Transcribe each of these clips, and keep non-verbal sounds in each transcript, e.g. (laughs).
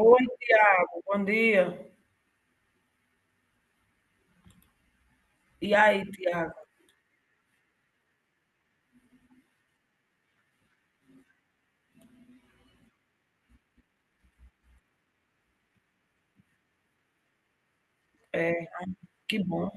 Oi, Tiago, bom dia. E aí, Tiago? É, que bom.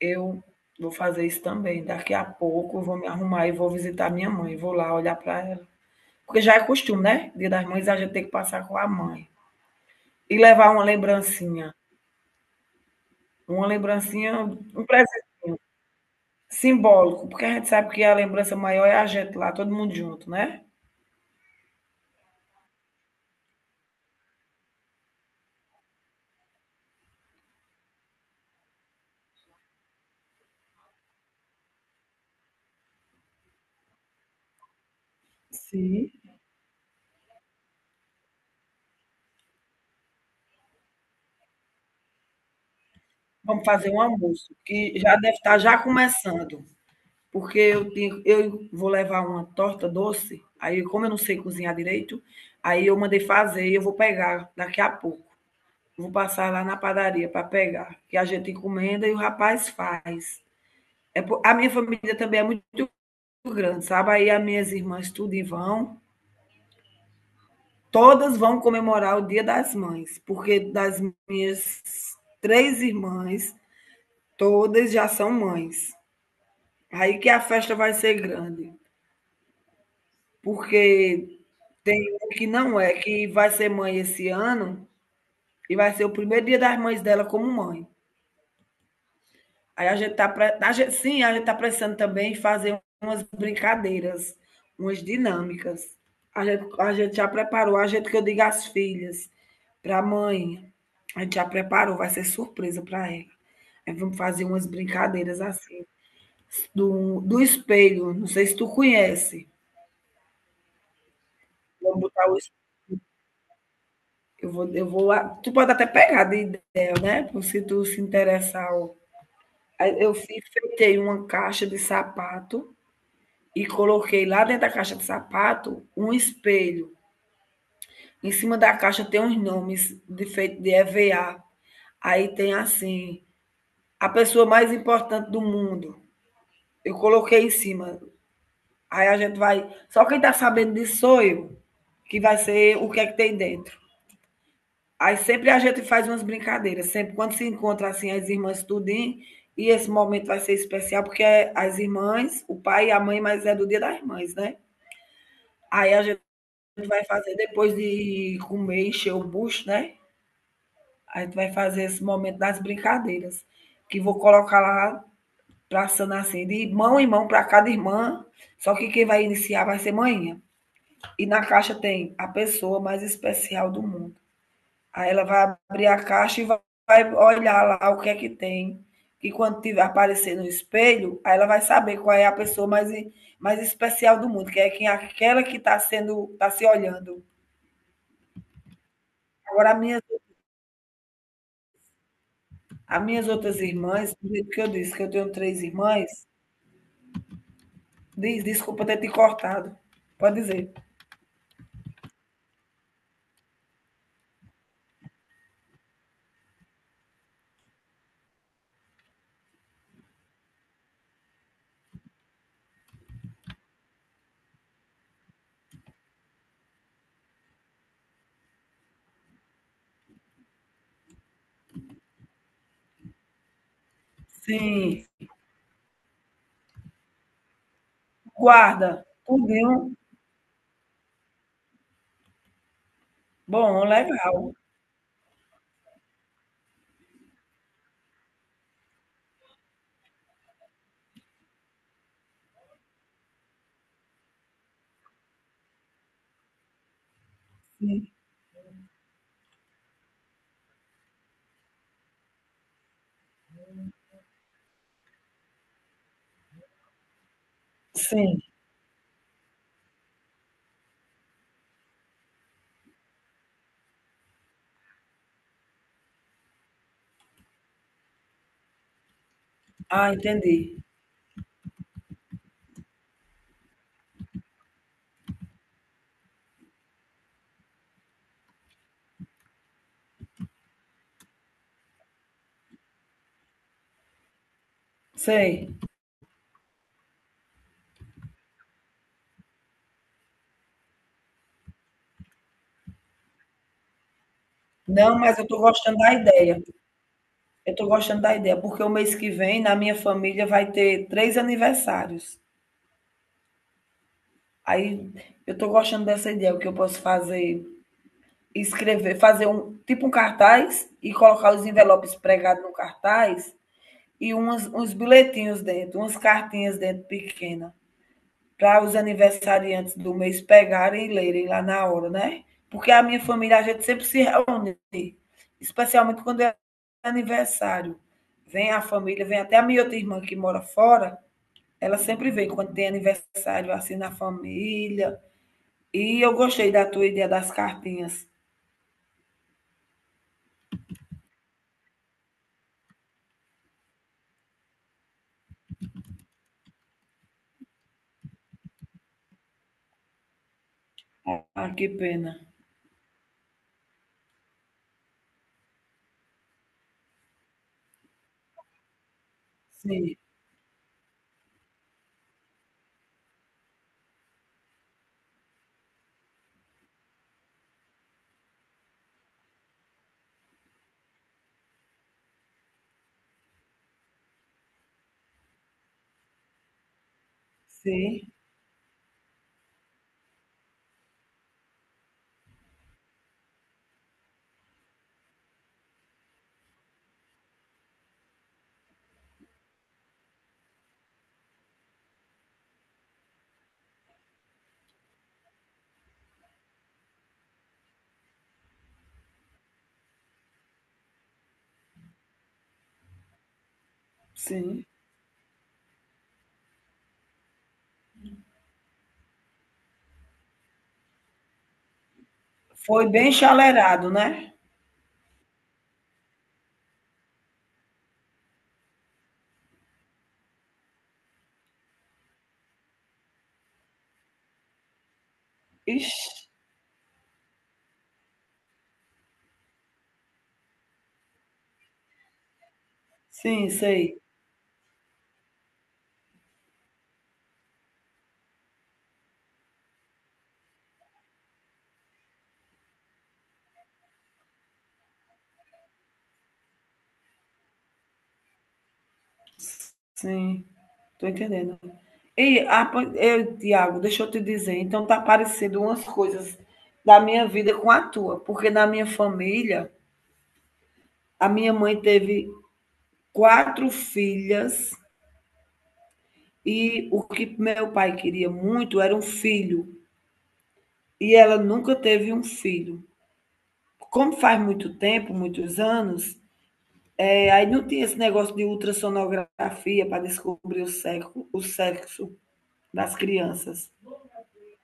Eu vou fazer isso também. Daqui a pouco eu vou me arrumar e vou visitar minha mãe. Vou lá olhar para ela. Porque já é costume, né? Dia das Mães a gente tem que passar com a mãe. E levar uma lembrancinha. Uma lembrancinha, um presentinho simbólico. Porque a gente sabe que a lembrança maior é a gente lá, todo mundo junto, né? Sim. Vamos fazer um almoço, que já deve estar já começando. Porque eu vou levar uma torta doce, aí como eu não sei cozinhar direito, aí eu mandei fazer e eu vou pegar daqui a pouco. Vou passar lá na padaria para pegar, que a gente encomenda e o rapaz faz. É, a minha família também é muito grande, sabe? Aí as minhas irmãs todas vão comemorar o Dia das Mães, porque das minhas três irmãs, todas já são mães. Aí que a festa vai ser grande, porque tem uma que não é, que vai ser mãe esse ano e vai ser o primeiro dia das mães dela como mãe. Aí a gente, sim, a gente tá precisando também fazer umas brincadeiras, umas dinâmicas. A gente já preparou, a gente que eu digo às filhas, para a mãe, a gente já preparou, vai ser surpresa para ela. Aí vamos fazer umas brincadeiras assim, do espelho, não sei se tu conhece. Vamos botar o. Eu vou, eu vou. Tu pode até pegar de ideia, né? Se tu se interessar, ó. Aí uma caixa de sapato e coloquei lá dentro da caixa de sapato um espelho. Em cima da caixa tem uns nomes de feito de EVA. Aí tem assim, a pessoa mais importante do mundo. Eu coloquei em cima. Aí a gente vai. Só quem tá sabendo disso sou eu, que vai ser o que é que tem dentro. Aí sempre a gente faz umas brincadeiras, sempre quando se encontra assim as irmãs tudinho, e esse momento vai ser especial porque é as irmãs, o pai e a mãe, mas é do Dia das Mães, né? Aí a gente vai fazer depois de comer, encher o bucho, né? A gente vai fazer esse momento das brincadeiras, que vou colocar lá traçando assim, de mão em mão para cada irmã, só que quem vai iniciar vai ser manhã. E na caixa tem a pessoa mais especial do mundo. Aí ela vai abrir a caixa e vai olhar lá o que é que tem. E quando tiver, aparecer no espelho, aí ela vai saber qual é a pessoa mais, mais especial do mundo, que é quem, aquela que está sendo, está se olhando. Agora, as minhas outras irmãs, do jeito que eu disse, que eu tenho três irmãs, desculpa ter te cortado. Pode dizer. Sim. Guarda. Tudinho. Bom, legal. Sim. Sim. Ah, entendi. Sei. Não, mas eu estou gostando da ideia. Eu tô gostando da ideia, porque o mês que vem, na minha família, vai ter três aniversários. Aí eu tô gostando dessa ideia, o que eu posso fazer, escrever, fazer um tipo um cartaz e colocar os envelopes pregados no cartaz e umas, uns bilhetinhos dentro, umas cartinhas dentro pequena, para os aniversariantes do mês pegarem e lerem lá na hora, né? Porque a minha família, a gente sempre se reúne, especialmente quando é aniversário. Vem a família, vem até a minha outra irmã que mora fora, ela sempre vem quando tem aniversário assim na família. E eu gostei da tua ideia das cartinhas. Ah, que pena. Sim, sim, sim. Foi bem chalerado, né? Ixi, sim, sei. Sim. Tô entendendo. Ei, Tiago, deixa eu te dizer, então tá parecendo umas coisas da minha vida com a tua, porque na minha família, a minha mãe teve quatro filhas e o que meu pai queria muito era um filho, e ela nunca teve um filho. Como faz muito tempo, muitos anos, é, aí não tinha esse negócio de ultrassonografia para descobrir o sexo das crianças.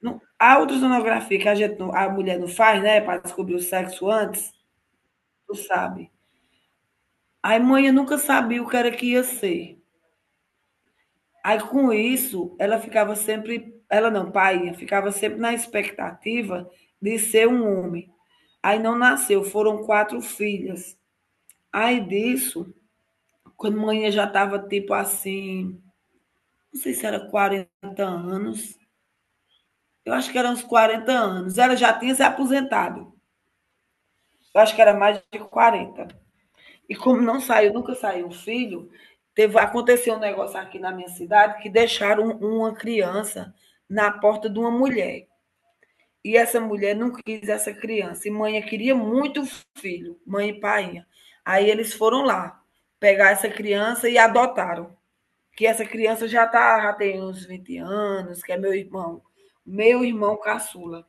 Não, há ultrassonografia que a mulher não faz, né? Para descobrir o sexo antes, tu sabe. Aí mãe eu nunca sabia o que era que ia ser. Aí com isso, ela ficava sempre, ela não, pai, ficava sempre na expectativa de ser um homem. Aí não nasceu, foram quatro filhas. Aí disso, quando mãe já estava tipo assim, não sei se era 40 anos, eu acho que eram uns 40 anos. Ela já tinha se aposentado. Eu acho que era mais de 40. E como não saiu, nunca saiu o filho, teve, aconteceu um negócio aqui na minha cidade que deixaram um, uma criança na porta de uma mulher. E essa mulher não quis essa criança. E mãe queria muito o filho, mãe e painha. Aí eles foram lá pegar essa criança e adotaram. Que essa criança já tem uns 20 anos, que é meu irmão caçula.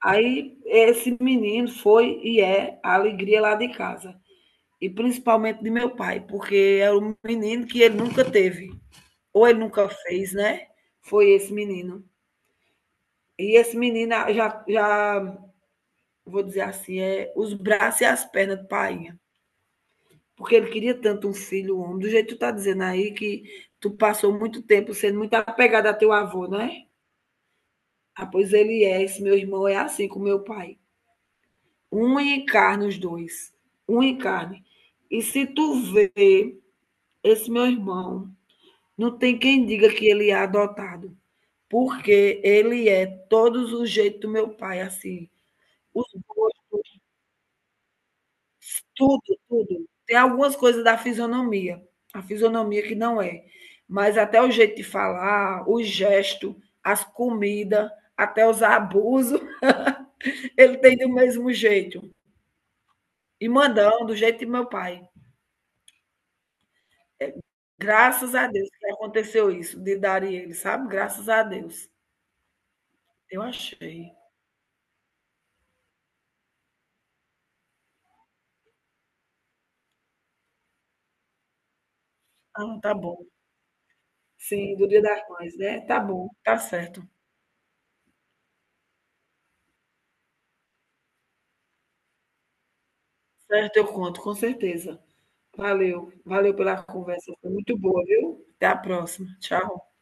Aí esse menino foi e é a alegria lá de casa, e principalmente de meu pai, porque era um menino que ele nunca teve, ou ele nunca fez, né? Foi esse menino. E esse menino já vou dizer assim, é os braços e as pernas de painha, porque ele queria tanto um filho um homem, do jeito que tu tá dizendo aí, que tu passou muito tempo sendo muito apegada a teu avô, né? Ah, pois ele é, esse meu irmão é assim com meu pai. Um encarna os dois, um encarne. E se tu vê esse meu irmão, não tem quem diga que ele é adotado, porque ele é todos os jeitos do meu pai, assim, os gostos, tudo, tudo. Tem algumas coisas da fisionomia, a fisionomia que não é, mas até o jeito de falar, o gesto, as comidas, até os abusos, (laughs) ele tem do mesmo jeito. E mandão, do jeito de meu pai. Graças a Deus que aconteceu isso, de dar ele, sabe? Graças a Deus. Eu achei. Ah, tá bom. Sim, do Dia das Mães, né. Tá bom, tá certo. Certo, eu conto, com certeza. Valeu, valeu pela conversa, foi muito boa, viu. Até a próxima, tchau.